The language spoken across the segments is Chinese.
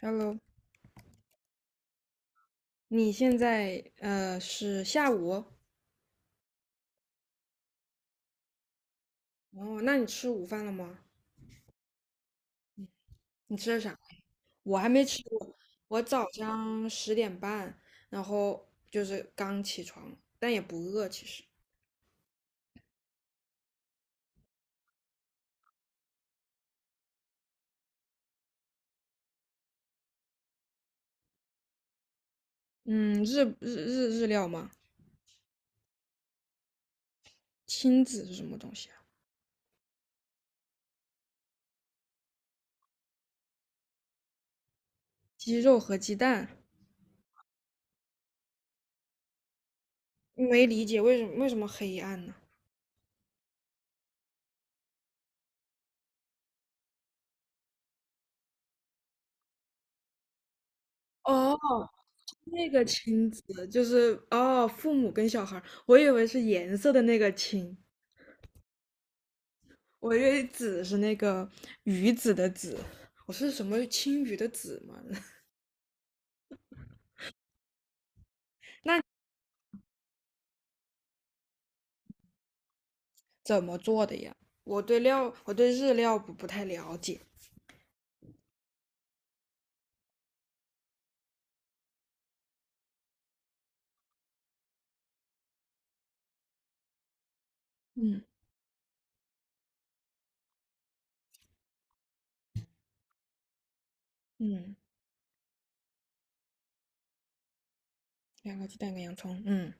Hello，你现在是下午哦？那你吃午饭了吗？你吃的啥？我还没吃过，我早上10点半，然后就是刚起床，但也不饿其实。嗯，日料吗？亲子是什么东西啊？鸡肉和鸡蛋，没理解为什么黑暗呢？哦，那个亲子就是哦，父母跟小孩儿我以为是颜色的那个亲。我以为子是那个鱼子的子，我是什么青鱼的子吗？那怎么做的呀？我对日料不太了解。嗯，嗯，两个鸡蛋，跟洋葱。嗯。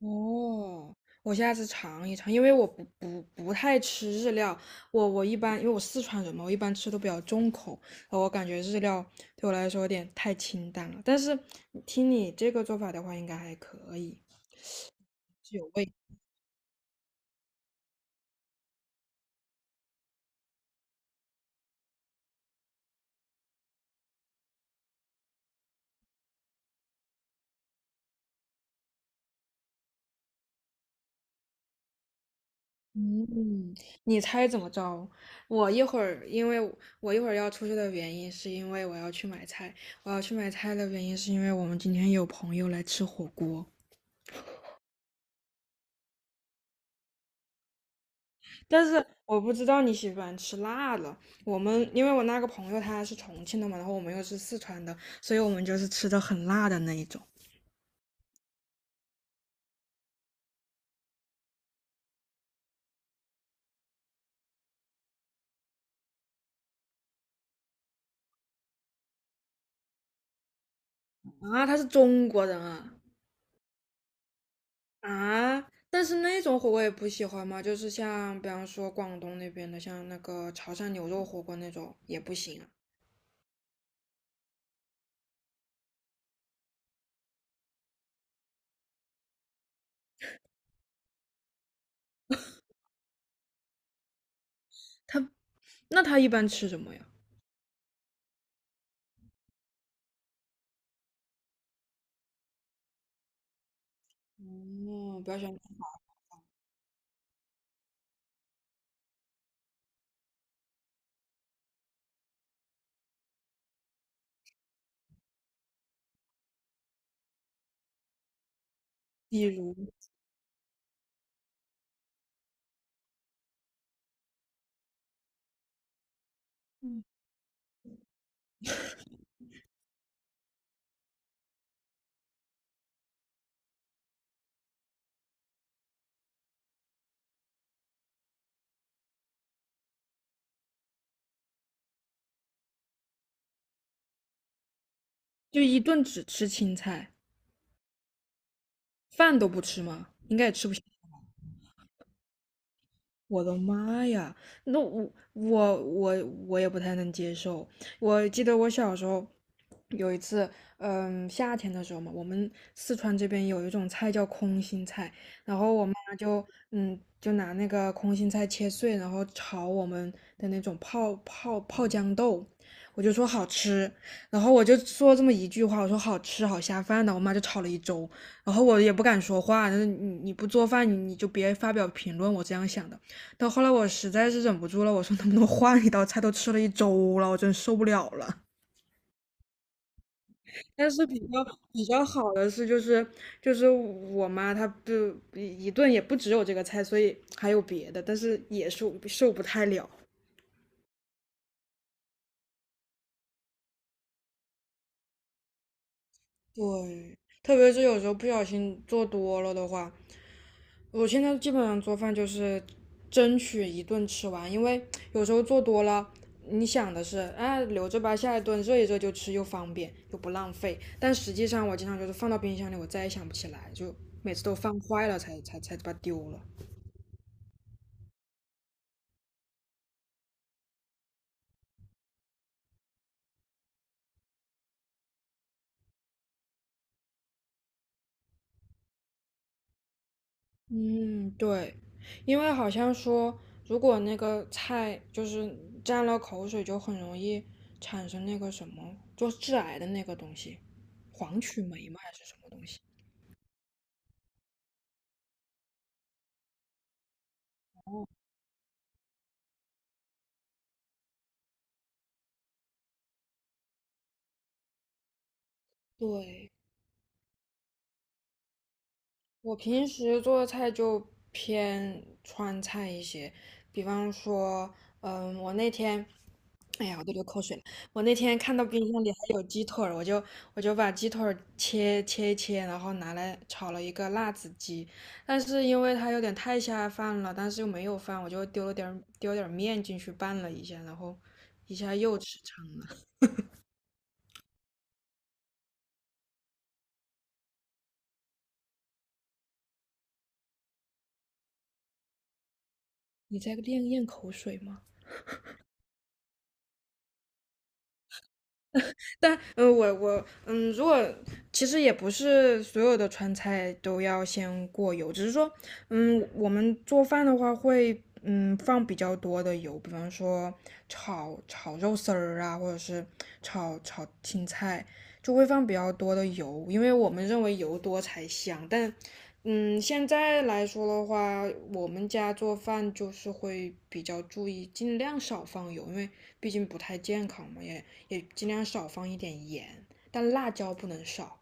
哦，我下次尝一尝，因为我不太吃日料，我一般因为我四川人嘛，我一般吃都比较重口。我感觉日料对我来说有点太清淡了。但是听你这个做法的话，应该还可以，是有味。嗯，你猜怎么着？我一会儿，因为我我一会儿要出去的原因，是因为我要去买菜。我要去买菜的原因，是因为我们今天有朋友来吃火锅，但是我不知道你喜欢吃辣的。我们因为我那个朋友他是重庆的嘛，然后我们又是四川的，所以我们就是吃的很辣的那一种。啊，他是中国人啊。啊！但是那种火锅也不喜欢嘛，就是像比方说广东那边的，像那个潮汕牛肉火锅那种也不行啊。那他一般吃什么呀？哦，不要想，比如，嗯，就一顿只吃青菜，饭都不吃吗？应该也吃不。我的妈呀！那我也不太能接受。我记得我小时候有一次，嗯，夏天的时候嘛，我们四川这边有一种菜叫空心菜，然后我妈就就拿那个空心菜切碎，然后炒我们的那种泡豇豆，我就说好吃，然后我就说这么一句话，我说好吃好下饭的，我妈就炒了一周。然后我也不敢说话，就是你不做饭，你就别发表评论，我这样想的。到后来我实在是忍不住了，我说能不能换一道菜？都吃了一周了，我真受不了了。但是比较好的是，就是我妈她不一顿也不只有这个菜，所以还有别的，但是也受不太了。对，特别是有时候不小心做多了的话，我现在基本上做饭就是争取一顿吃完，因为有时候做多了，你想的是啊留着吧，下一顿热一热就吃，又方便又不浪费。但实际上我经常就是放到冰箱里，我再也想不起来，就每次都放坏了才把它丢了。嗯，对，因为好像说如果那个菜就是沾了口水，就很容易产生那个什么，就致癌的那个东西，黄曲霉吗？还是什么东西？对。我平时做的菜就偏川菜一些，比方说，嗯，我那天，哎呀，我都流口水了。我那天看到冰箱里还有腿儿，我就把鸡腿儿切一切，然后拿来炒了一个辣子鸡。但是因为它有点太下饭了，但是又没有饭，我就丢点儿面进去拌了一下，然后一下又吃撑了。你在咽口水吗？但嗯、呃我我嗯，如果其实也不是所有的川菜都要先过油，只是说，嗯，我们做饭的话会放比较多的油，比方说炒肉丝儿啊，或者是炒青菜，就会放比较多的油，因为我们认为油多才香。但现在来说的话，我们家做饭就是会比较注意，尽量少放油，因为毕竟不太健康嘛，也也尽量少放一点盐，但辣椒不能少。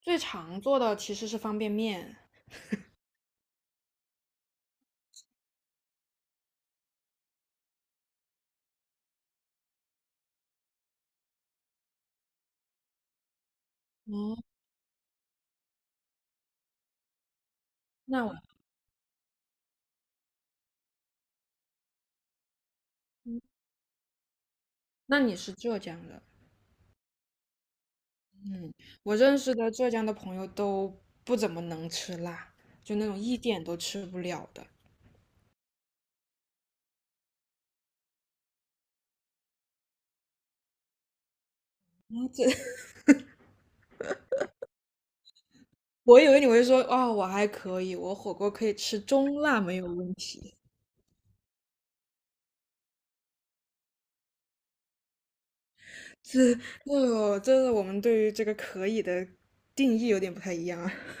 最常做的其实是方便面。那我，那你是浙江的。嗯，我认识的浙江的朋友都不怎么能吃辣，就那种一点都吃不了的。嗯这 我以为你会说，哦，我还可以，我火锅可以吃中辣没有问题。这这是我们对于这个可以的定义有点不太一样啊。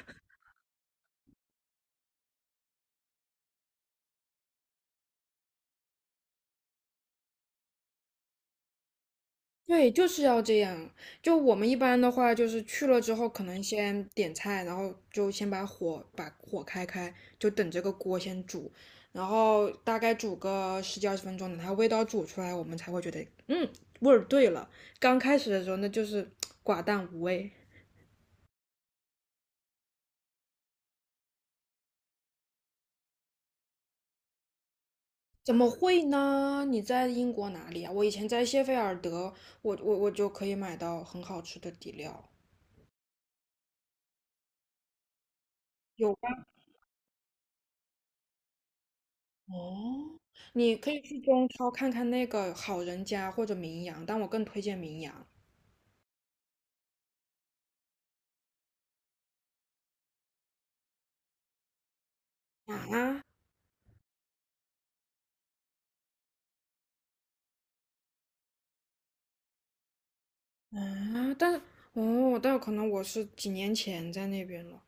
对，就是要这样。就我们一般的话，就是去了之后，可能先点菜，然后就先把火开开，就等这个锅先煮，然后大概煮个十几20分钟，等它味道煮出来，我们才会觉得，嗯，味儿对了。刚开始的时候，那就是 寡淡无味。怎么会呢？你在英国哪里啊？我以前在谢菲尔德，我我就可以买到很好吃的底料。有关哦，你可以去中超看看那个好人家或者名扬，但我更推荐名扬。啊。啊！但哦，但可能我是几年前在那边了，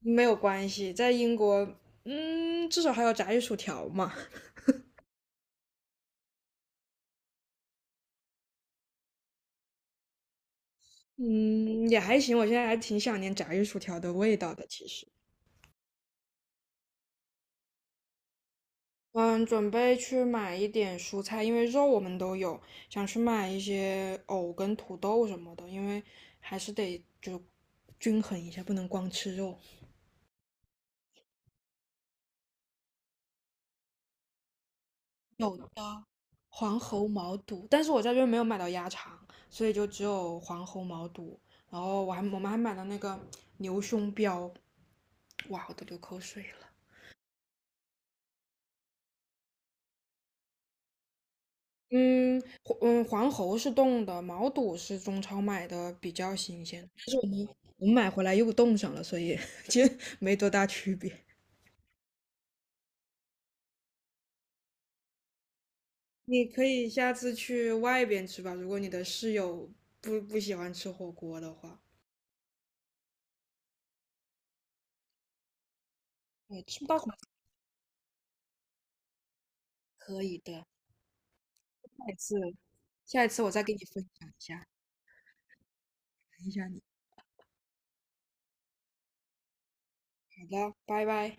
没有关系，在英国，嗯，至少还有炸鱼薯条嘛，嗯，也还行，我现在还挺想念炸鱼薯条的味道的，其实。嗯，准备去买一点蔬菜，因为肉我们都有，想去买一些藕跟土豆什么的，因为还是得就均衡一下，不能光吃肉。有的黄喉毛肚，但是我在这边没有买到鸭肠，所以就只有黄喉毛肚。然后我们还买了那个牛胸膘，哇，我都流口水了。黄喉是冻的，毛肚是中超买的，比较新鲜。我买回来又冻上了，所以 其实没多大区别。你可以下次去外边吃吧，如果你的室友不喜欢吃火锅的话，对，吃不到火锅可以的。下一次，下一次我再给你分享一下，等一下你。好的，拜拜。